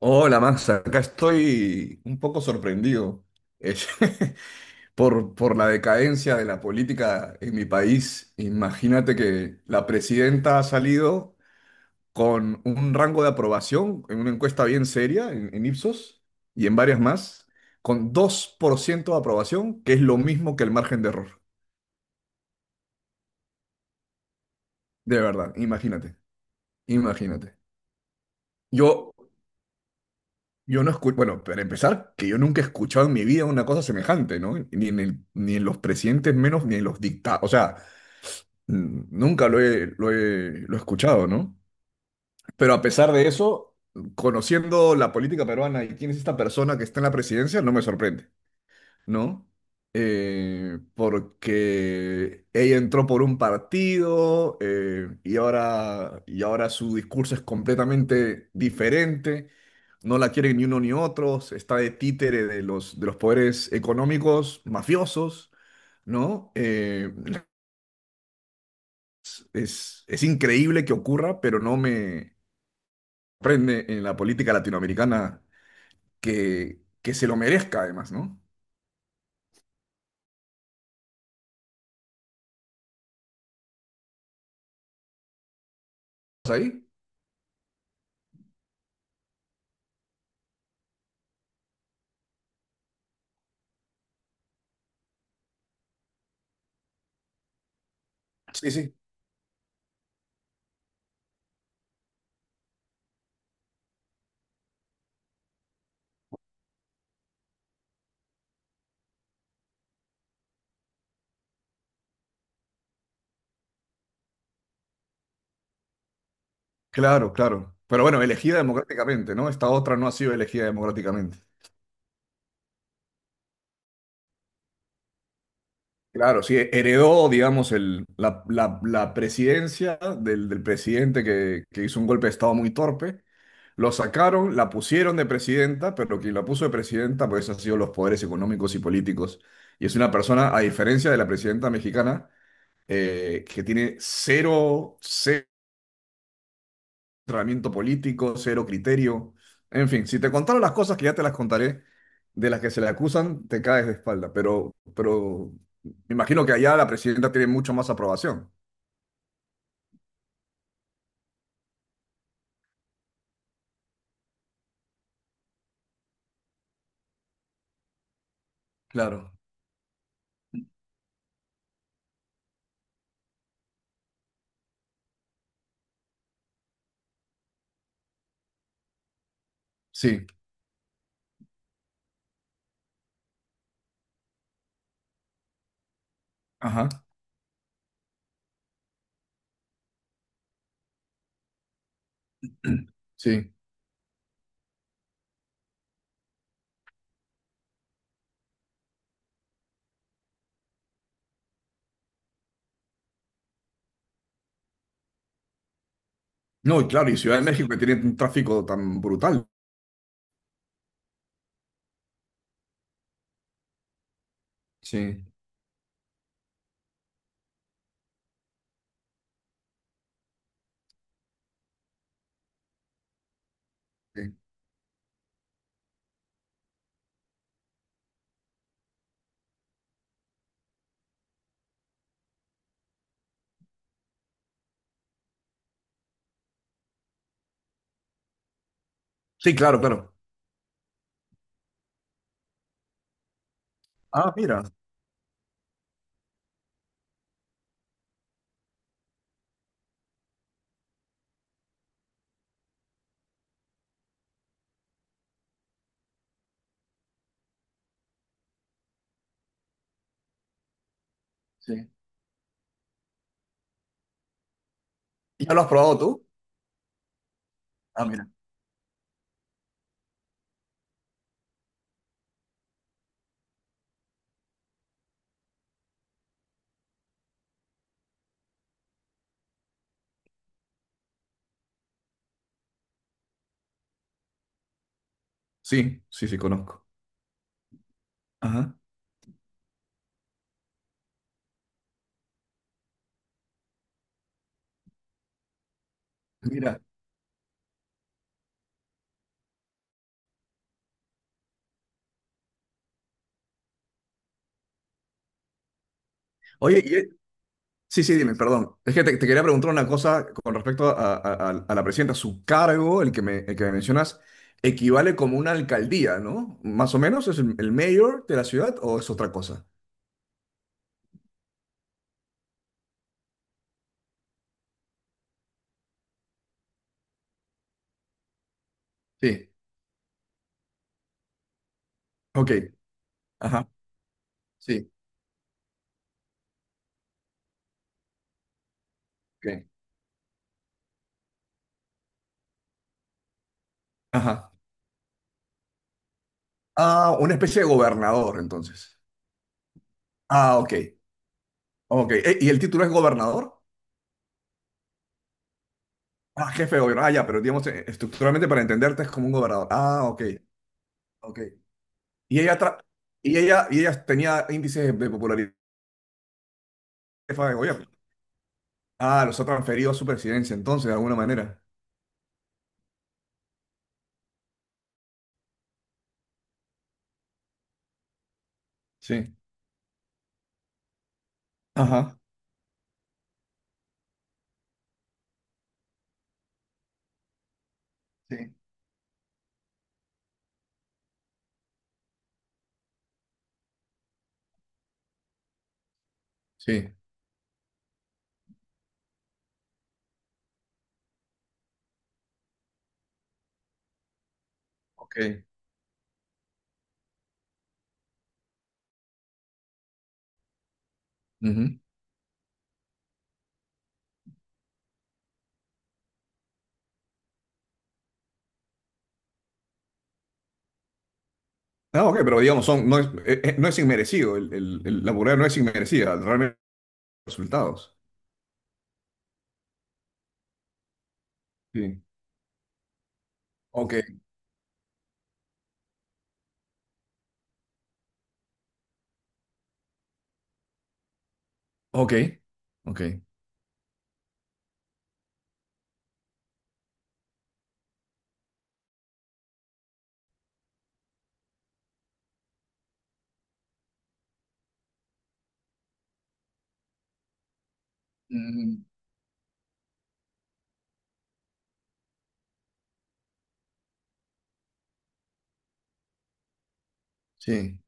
Hola, Max, acá estoy un poco sorprendido eh, por la decadencia de la política en mi país. Imagínate que la presidenta ha salido con un rango de aprobación en una encuesta bien seria en Ipsos y en varias más, con 2% de aprobación, que es lo mismo que el margen de error. De verdad, imagínate, imagínate. Yo Yo no escucho, bueno, para empezar, que yo nunca he escuchado en mi vida una cosa semejante, ¿no? Ni en los presidentes menos, ni en los dictados. O sea, nunca lo he escuchado, ¿no? Pero a pesar de eso, conociendo la política peruana y quién es esta persona que está en la presidencia, no me sorprende, ¿no? Porque ella entró por un partido y ahora su discurso es completamente diferente. No la quieren ni uno ni otros, está de títere de los poderes económicos mafiosos, ¿no? Es increíble que ocurra, pero no me prende en la política latinoamericana que se lo merezca además, ¿no? ¿Estás ahí? Sí, sí. Claro, claro. Pero bueno, elegida democráticamente, ¿no? Esta otra no ha sido elegida democráticamente. Claro, sí, heredó, digamos, la presidencia del presidente que hizo un golpe de Estado muy torpe. Lo sacaron, la pusieron de presidenta, pero quien la puso de presidenta pues han sido los poderes económicos y políticos. Y es una persona, a diferencia de la presidenta mexicana, que tiene cero entrenamiento político, cero criterio. En fin, si te contaron las cosas, que ya te las contaré, de las que se le acusan, te caes de espalda. Pero me imagino que allá la presidenta tiene mucho más aprobación. Claro. Sí, ajá, sí. No, y claro, y Ciudad de México que tiene un tráfico tan brutal. Sí. Sí. Sí, claro, claro. Ah, mira. Sí. ¿Y ¿Ya lo has probado tú? Ah, mira. Sí, sí, sí, conozco. Ajá. Mira. Oye. Sí, sí, dime, perdón. Es que te quería preguntar una cosa con respecto a la presidenta. Su cargo, el que me mencionas, equivale como una alcaldía, ¿no? Más o menos, ¿es el mayor de la ciudad o es otra cosa? Sí, ok, ajá, sí, ok, ajá. Ah, una especie de gobernador, entonces. Ah, ok, ok. ¿Y el título es gobernador? Ah, jefe de gobierno. Ah, ya, pero digamos, estructuralmente para entenderte es como un gobernador. Ah, ok, ok. Y ella, tra- y ella tenía índices de popularidad de jefa de gobierno. Ah, los ha transferido a su presidencia, entonces, de alguna manera. Sí. Ajá. Sí. Sí. Ok. Ujú. Ah, ok, pero digamos, son, no es, no es inmerecido. La burla no es inmerecida, realmente los resultados. Sí. Ok, ok, ok. Mm, sí.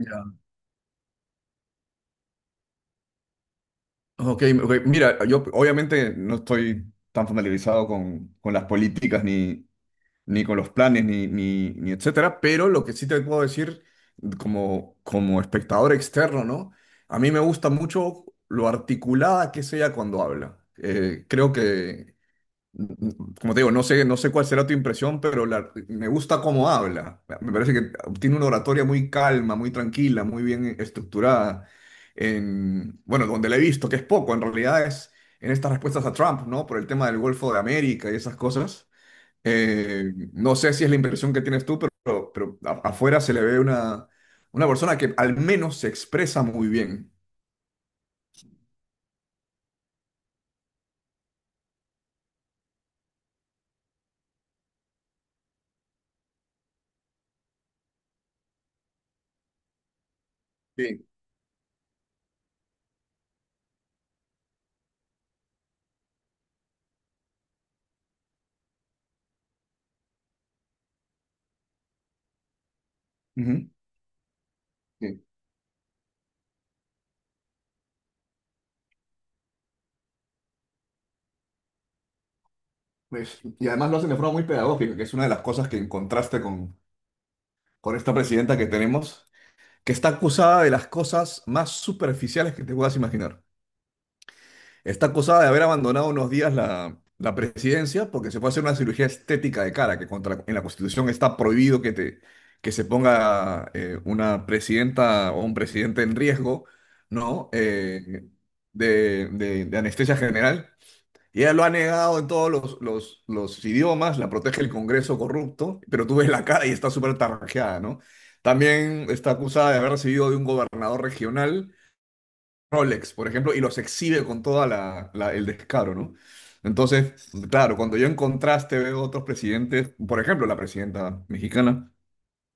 Ya. Ok, ok. Mira, yo obviamente no estoy tan familiarizado con las políticas ni, ni con los planes, ni etcétera, pero lo que sí te puedo decir como espectador externo, ¿no? A mí me gusta mucho lo articulada que es ella cuando habla. Creo que, mm, como te digo, no sé, no sé cuál será tu impresión, pero me gusta cómo habla. Me parece que tiene una oratoria muy calma, muy tranquila, muy bien estructurada. En, bueno, donde la he visto, que es poco, en realidad es en estas respuestas a Trump, ¿no? Por el tema del Golfo de América y esas cosas. No sé si es la impresión que tienes tú, pero afuera se le ve una persona que al menos se expresa muy bien. Sí, ujú, sí. Pues, y además lo hacen de forma muy pedagógica, que es una de las cosas que en contraste con esta presidenta que tenemos, que está acusada de las cosas más superficiales que te puedas imaginar. Está acusada de haber abandonado unos días la presidencia porque se fue a hacer una cirugía estética de cara, que contra, en la Constitución está prohibido que, te, que se ponga una presidenta o un presidente en riesgo, ¿no? De anestesia general. Y ella lo ha negado en todos los idiomas, la protege el Congreso corrupto, pero tú ves la cara y está súper tarrajeada, ¿no? También está acusada de haber recibido de un gobernador regional Rolex, por ejemplo, y los exhibe con toda el descaro, ¿no? Entonces, claro, cuando yo en contraste veo otros presidentes, por ejemplo, la presidenta mexicana,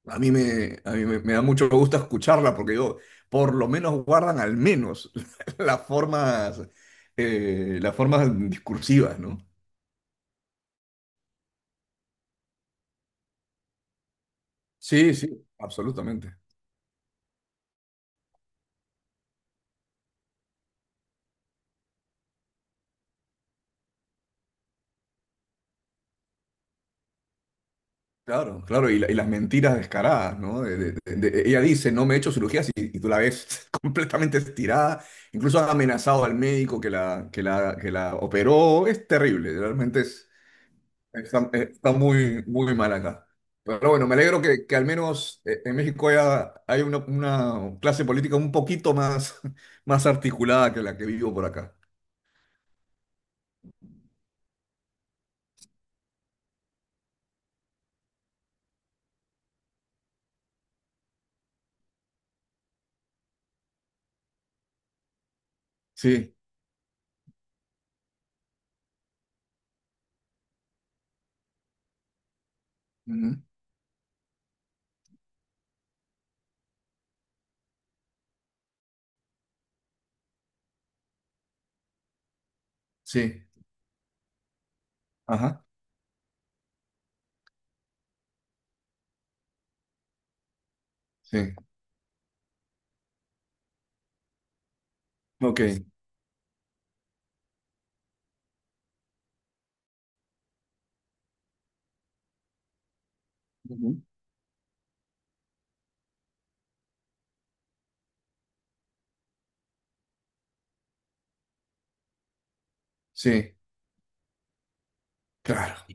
a mí me me da mucho gusto escucharla porque yo, por lo menos, guardan al menos las formas, las formas discursivas, ¿no? Sí, sí, absolutamente. Claro, claro, y las mentiras descaradas, ¿no? Ella dice, no me he hecho cirugías, y tú la ves completamente estirada, incluso ha amenazado al médico que la operó, es terrible, realmente es, está, está muy, muy mal acá. Pero bueno, me alegro que al menos en México hay una clase política un poquito más, más articulada que la que vivo por acá. Sí, ujú. Sí, ajá, sí, ok, ujú. Sí, claro.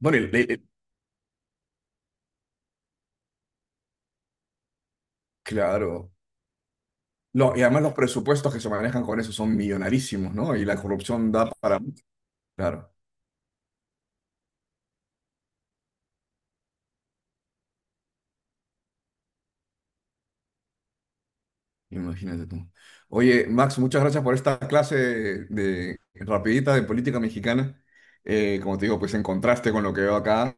Bueno, Claro. No, y además los presupuestos que se manejan con eso son millonarísimos, ¿no? Y la corrupción da para... Claro, imagínate tú. Oye, Max, muchas gracias por esta clase de rapidita de política mexicana. Como te digo, pues en contraste con lo que veo acá,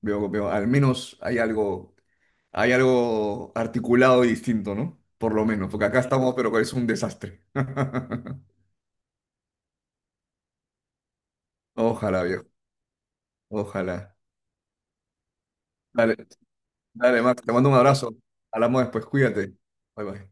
veo, al menos hay algo articulado y distinto, ¿no? Por lo menos, porque acá estamos, pero es un desastre. Ojalá, viejo, ojalá. Dale, dale, Max, te mando un abrazo. Hablamos después, cuídate. Bye, bye.